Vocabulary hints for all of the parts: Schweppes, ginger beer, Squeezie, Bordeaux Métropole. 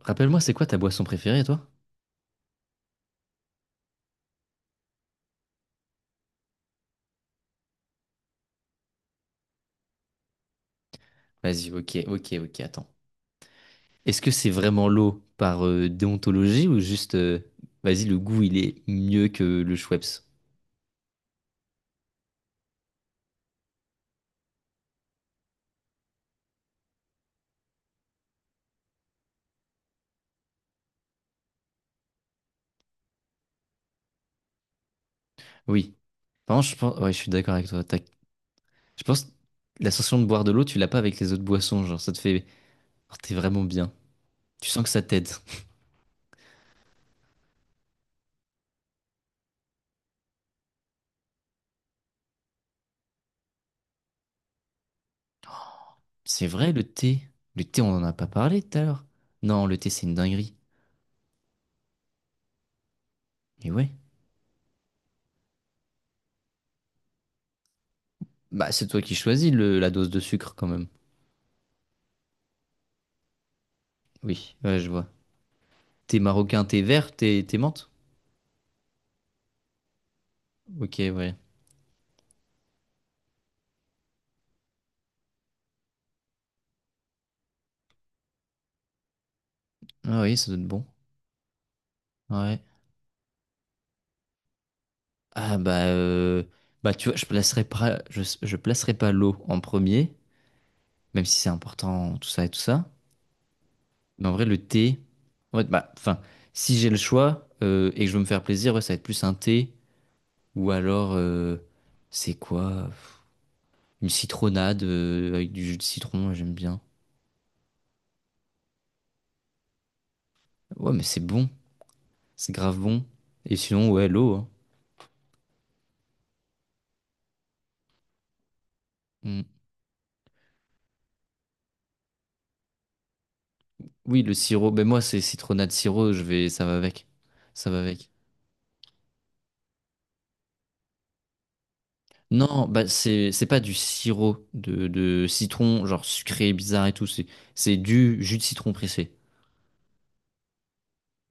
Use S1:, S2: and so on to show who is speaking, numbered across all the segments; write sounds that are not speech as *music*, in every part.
S1: Rappelle-moi, c'est quoi ta boisson préférée, toi? Vas-y, ok, ok, ok, attends. Est-ce que c'est vraiment l'eau par déontologie ou juste, vas-y, le goût, il est mieux que le Schweppes? Oui. Par contre, je pense, ouais, je suis d'accord avec toi. Tac. Je pense, la sensation de boire de l'eau, tu l'as pas avec les autres boissons, genre, ça te fait, oh, t'es vraiment bien. Tu sens que ça t'aide. C'est vrai, le thé. Le thé, on en a pas parlé tout à l'heure. Non, le thé, c'est une dinguerie. Et ouais. Bah, c'est toi qui choisis la dose de sucre, quand même. Oui, ouais, je vois. Thé marocain, thé vert, thé, thé menthe? Ok, ouais. Ah oui, ça doit être bon. Ouais. Ah bah, bah tu vois, je placerai pas, je placerai pas l'eau en premier, même si c'est important, tout ça et tout ça. Mais en vrai, le thé, en fait bah, enfin, si j'ai le choix et que je veux me faire plaisir, ouais, ça va être plus un thé ou alors, c'est quoi? Pff, une citronnade avec du jus de citron, ouais, j'aime bien. Ouais, mais c'est bon, c'est grave bon. Et sinon, ouais, l'eau, hein. Mm. Oui, le sirop. Ben moi, c'est citronnade sirop, je vais, ça va avec, ça va avec. Non, bah c'est pas du sirop de citron, genre sucré, bizarre et tout. C'est du jus de citron pressé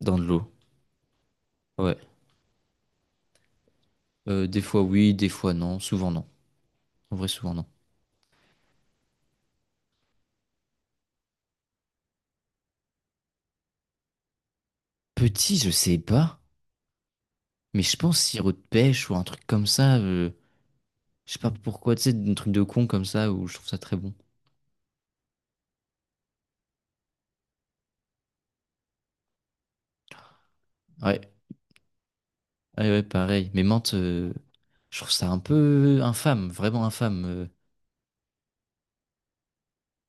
S1: dans de l'eau. Ouais. Des fois oui, des fois non. Souvent non. En vrai, souvent non. Petit, je sais pas. Mais je pense sirop de pêche ou un truc comme ça. Je sais pas pourquoi, tu sais, un truc de con comme ça où je trouve ça très bon. Ouais. Ouais, ouais, pareil. Mais menthe, je trouve ça un peu infâme, vraiment infâme.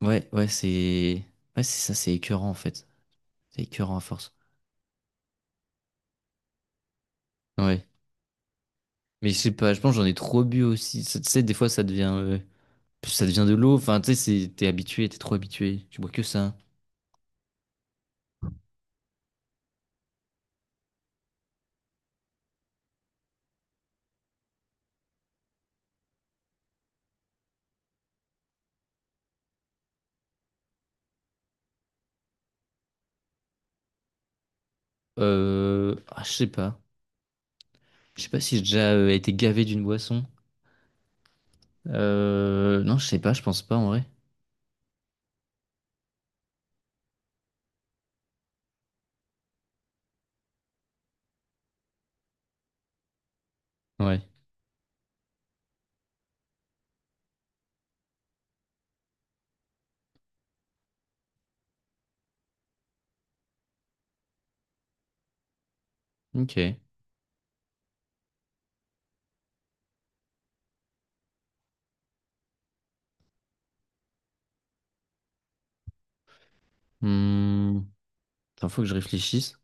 S1: Ouais, ouais, c'est. Ouais, c'est ça, c'est écœurant en fait. C'est écœurant à force. Ouais. Mais je sais pas, je pense que j'en ai trop bu aussi. Tu sais, des fois, ça devient de l'eau. Enfin, tu sais, t'es habitué, t'es trop habitué. Tu bois que ça. Ah, je sais pas. Je sais pas si j'ai déjà été gavé d'une boisson. Non, je sais pas, je pense pas en vrai. Ouais. Ok. Hmm. Attends, faut que je réfléchisse.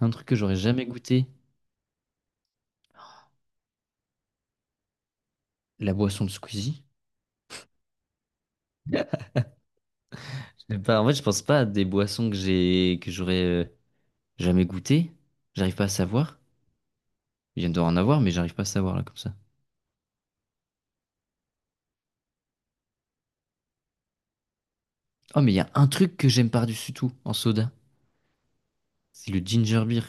S1: Un truc que j'aurais jamais goûté, la boisson de Squeezie. *laughs* Je sais pas, en fait, je pense pas à des boissons que j'aurais jamais goûté. J'arrive pas à savoir. Il vient d'en avoir, mais j'arrive pas à savoir là comme ça. Oh, mais il y a un truc que j'aime par-dessus tout en soda. C'est le ginger beer.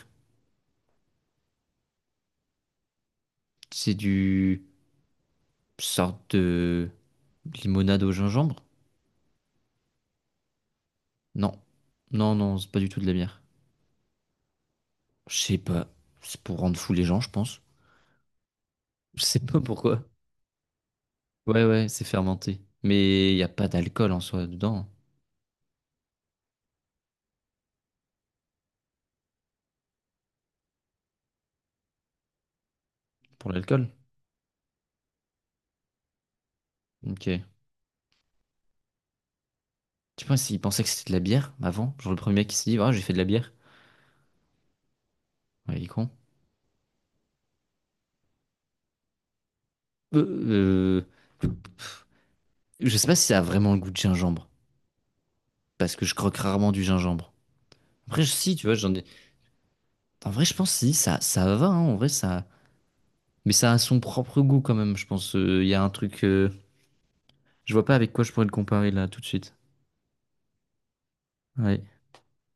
S1: C'est du sorte de limonade au gingembre? Non. Non, non, c'est pas du tout de la bière. Je sais pas. C'est pour rendre fou les gens, je pense. Je sais pas pourquoi. Ouais, ouais, c'est fermenté. Mais il n'y a pas d'alcool en soi dedans, hein. Pour l'alcool? Ok. Tu penses s'ils pensaient que c'était de la bière avant? Genre le premier mec qui s'est dit, ah, j'ai fait de la bière. Ouais, il est con. Euh, euh, Je sais pas si ça a vraiment le goût de gingembre. Parce que je croque rarement du gingembre. Après, si, tu vois, j'en ai. Enfin, en vrai, je pense si, ça va, hein, en vrai, ça. Mais ça a son propre goût quand même, je pense. Il y a un truc. Je vois pas avec quoi je pourrais le comparer là, tout de suite. Ouais.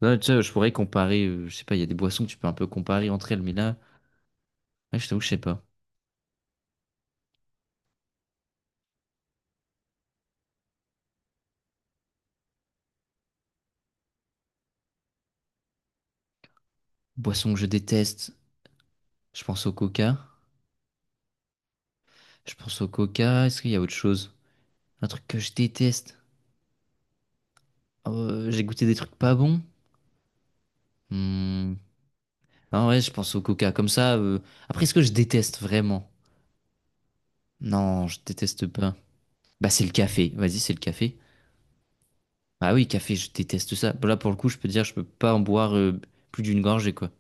S1: Ouais, tu sais, je pourrais comparer. Je sais pas, il y a des boissons que tu peux un peu comparer entre elles, mais là, ouais, je t'avoue, je sais pas. Boisson que je déteste, je pense au coca. Je pense au coca. Est-ce qu'il y a autre chose? Un truc que je déteste. J'ai goûté des trucs pas bons. Hmm. Non, ouais, je pense au coca. Comme ça. Après, est-ce que je déteste vraiment? Non, je déteste pas. Bah, c'est le café. Vas-y, c'est le café. Ah oui, café, je déteste ça. Bon, là, pour le coup, je peux te dire, je peux pas en boire plus d'une gorgée, quoi.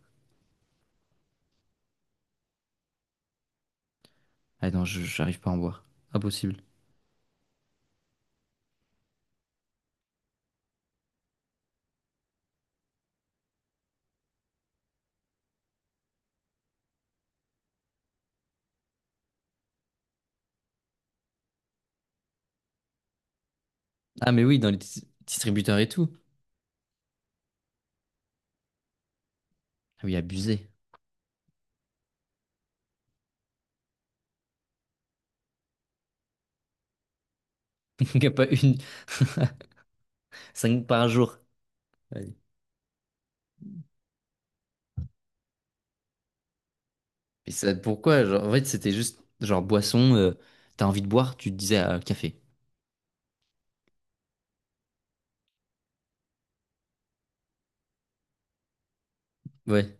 S1: Ah non, j'arrive pas à en boire. Impossible. Ah, mais oui, dans les distributeurs et tout. Ah oui, abusé. *laughs* Il n'y a pas une. *laughs* Cinq par jour. Ouais. Et ça, pourquoi? Genre, en fait, c'était juste, genre, boisson, t'as envie de boire, tu te disais ah, café. Ouais,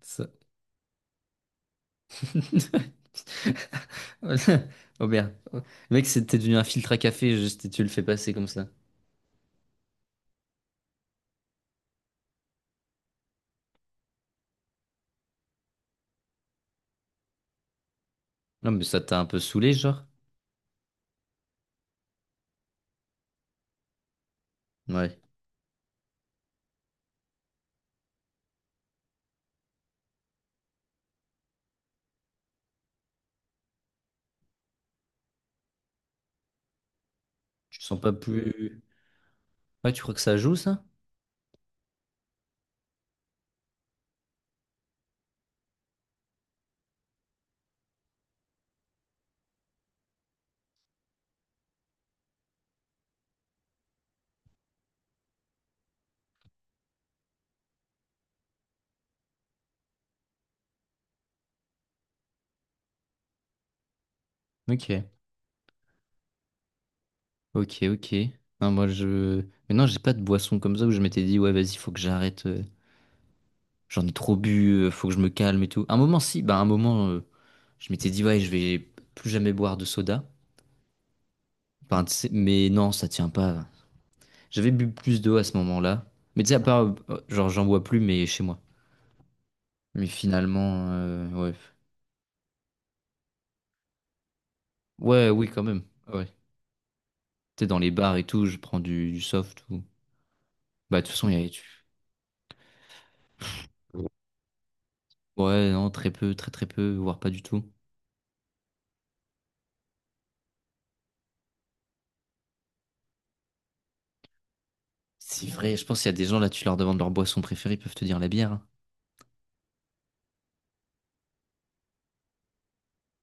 S1: ça. *laughs* Oh merde. Le mec, c'était devenu un filtre à café, juste, et tu le fais passer comme ça. Non, mais ça t'a un peu saoulé, genre? Ouais. Tu te sens pas plus. Ouais, tu crois que ça joue, ça? Ok, ok, ok. Non, moi, je. Mais non, j'ai pas de boisson comme ça où je m'étais dit, ouais, vas-y, faut que j'arrête. J'en ai trop bu, faut que je me calme et tout. Un moment, si, bah, un moment, je m'étais dit, ouais, je vais plus jamais boire de soda. Enfin, tu sais, mais non, ça tient pas. J'avais bu plus d'eau à ce moment-là. Mais tu sais, à part, genre, j'en bois plus, mais chez moi. Mais finalement, ouais. Ouais, oui, quand même. Ouais. Tu sais, dans les bars et tout, je prends du soft ou. Bah, de toute façon, il y a. Ouais, non, très peu, très très peu, voire pas du tout. C'est vrai, je pense qu'il y a des gens là, tu leur demandes leur boisson préférée, ils peuvent te dire la bière, hein.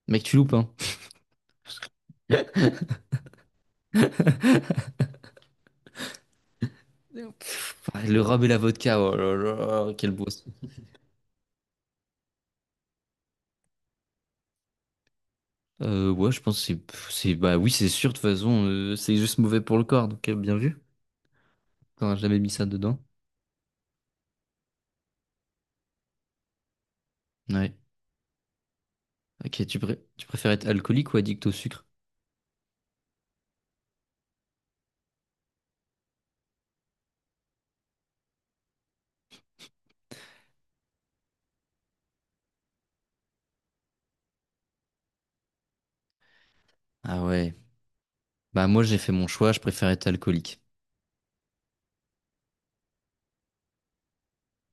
S1: Mec, tu loupes, hein. *laughs* Pff, le rhum et la vodka, oh là là, quelle boisson. Ouais, je pense que c'est, pff, c'est, bah oui, c'est sûr, de toute façon, c'est juste mauvais pour le corps, donc bien vu. T'aurais jamais mis ça dedans. Ouais. Ok, tu préfères être alcoolique ou addict au sucre? Ah ouais. Bah moi, j'ai fait mon choix, je préfère être alcoolique.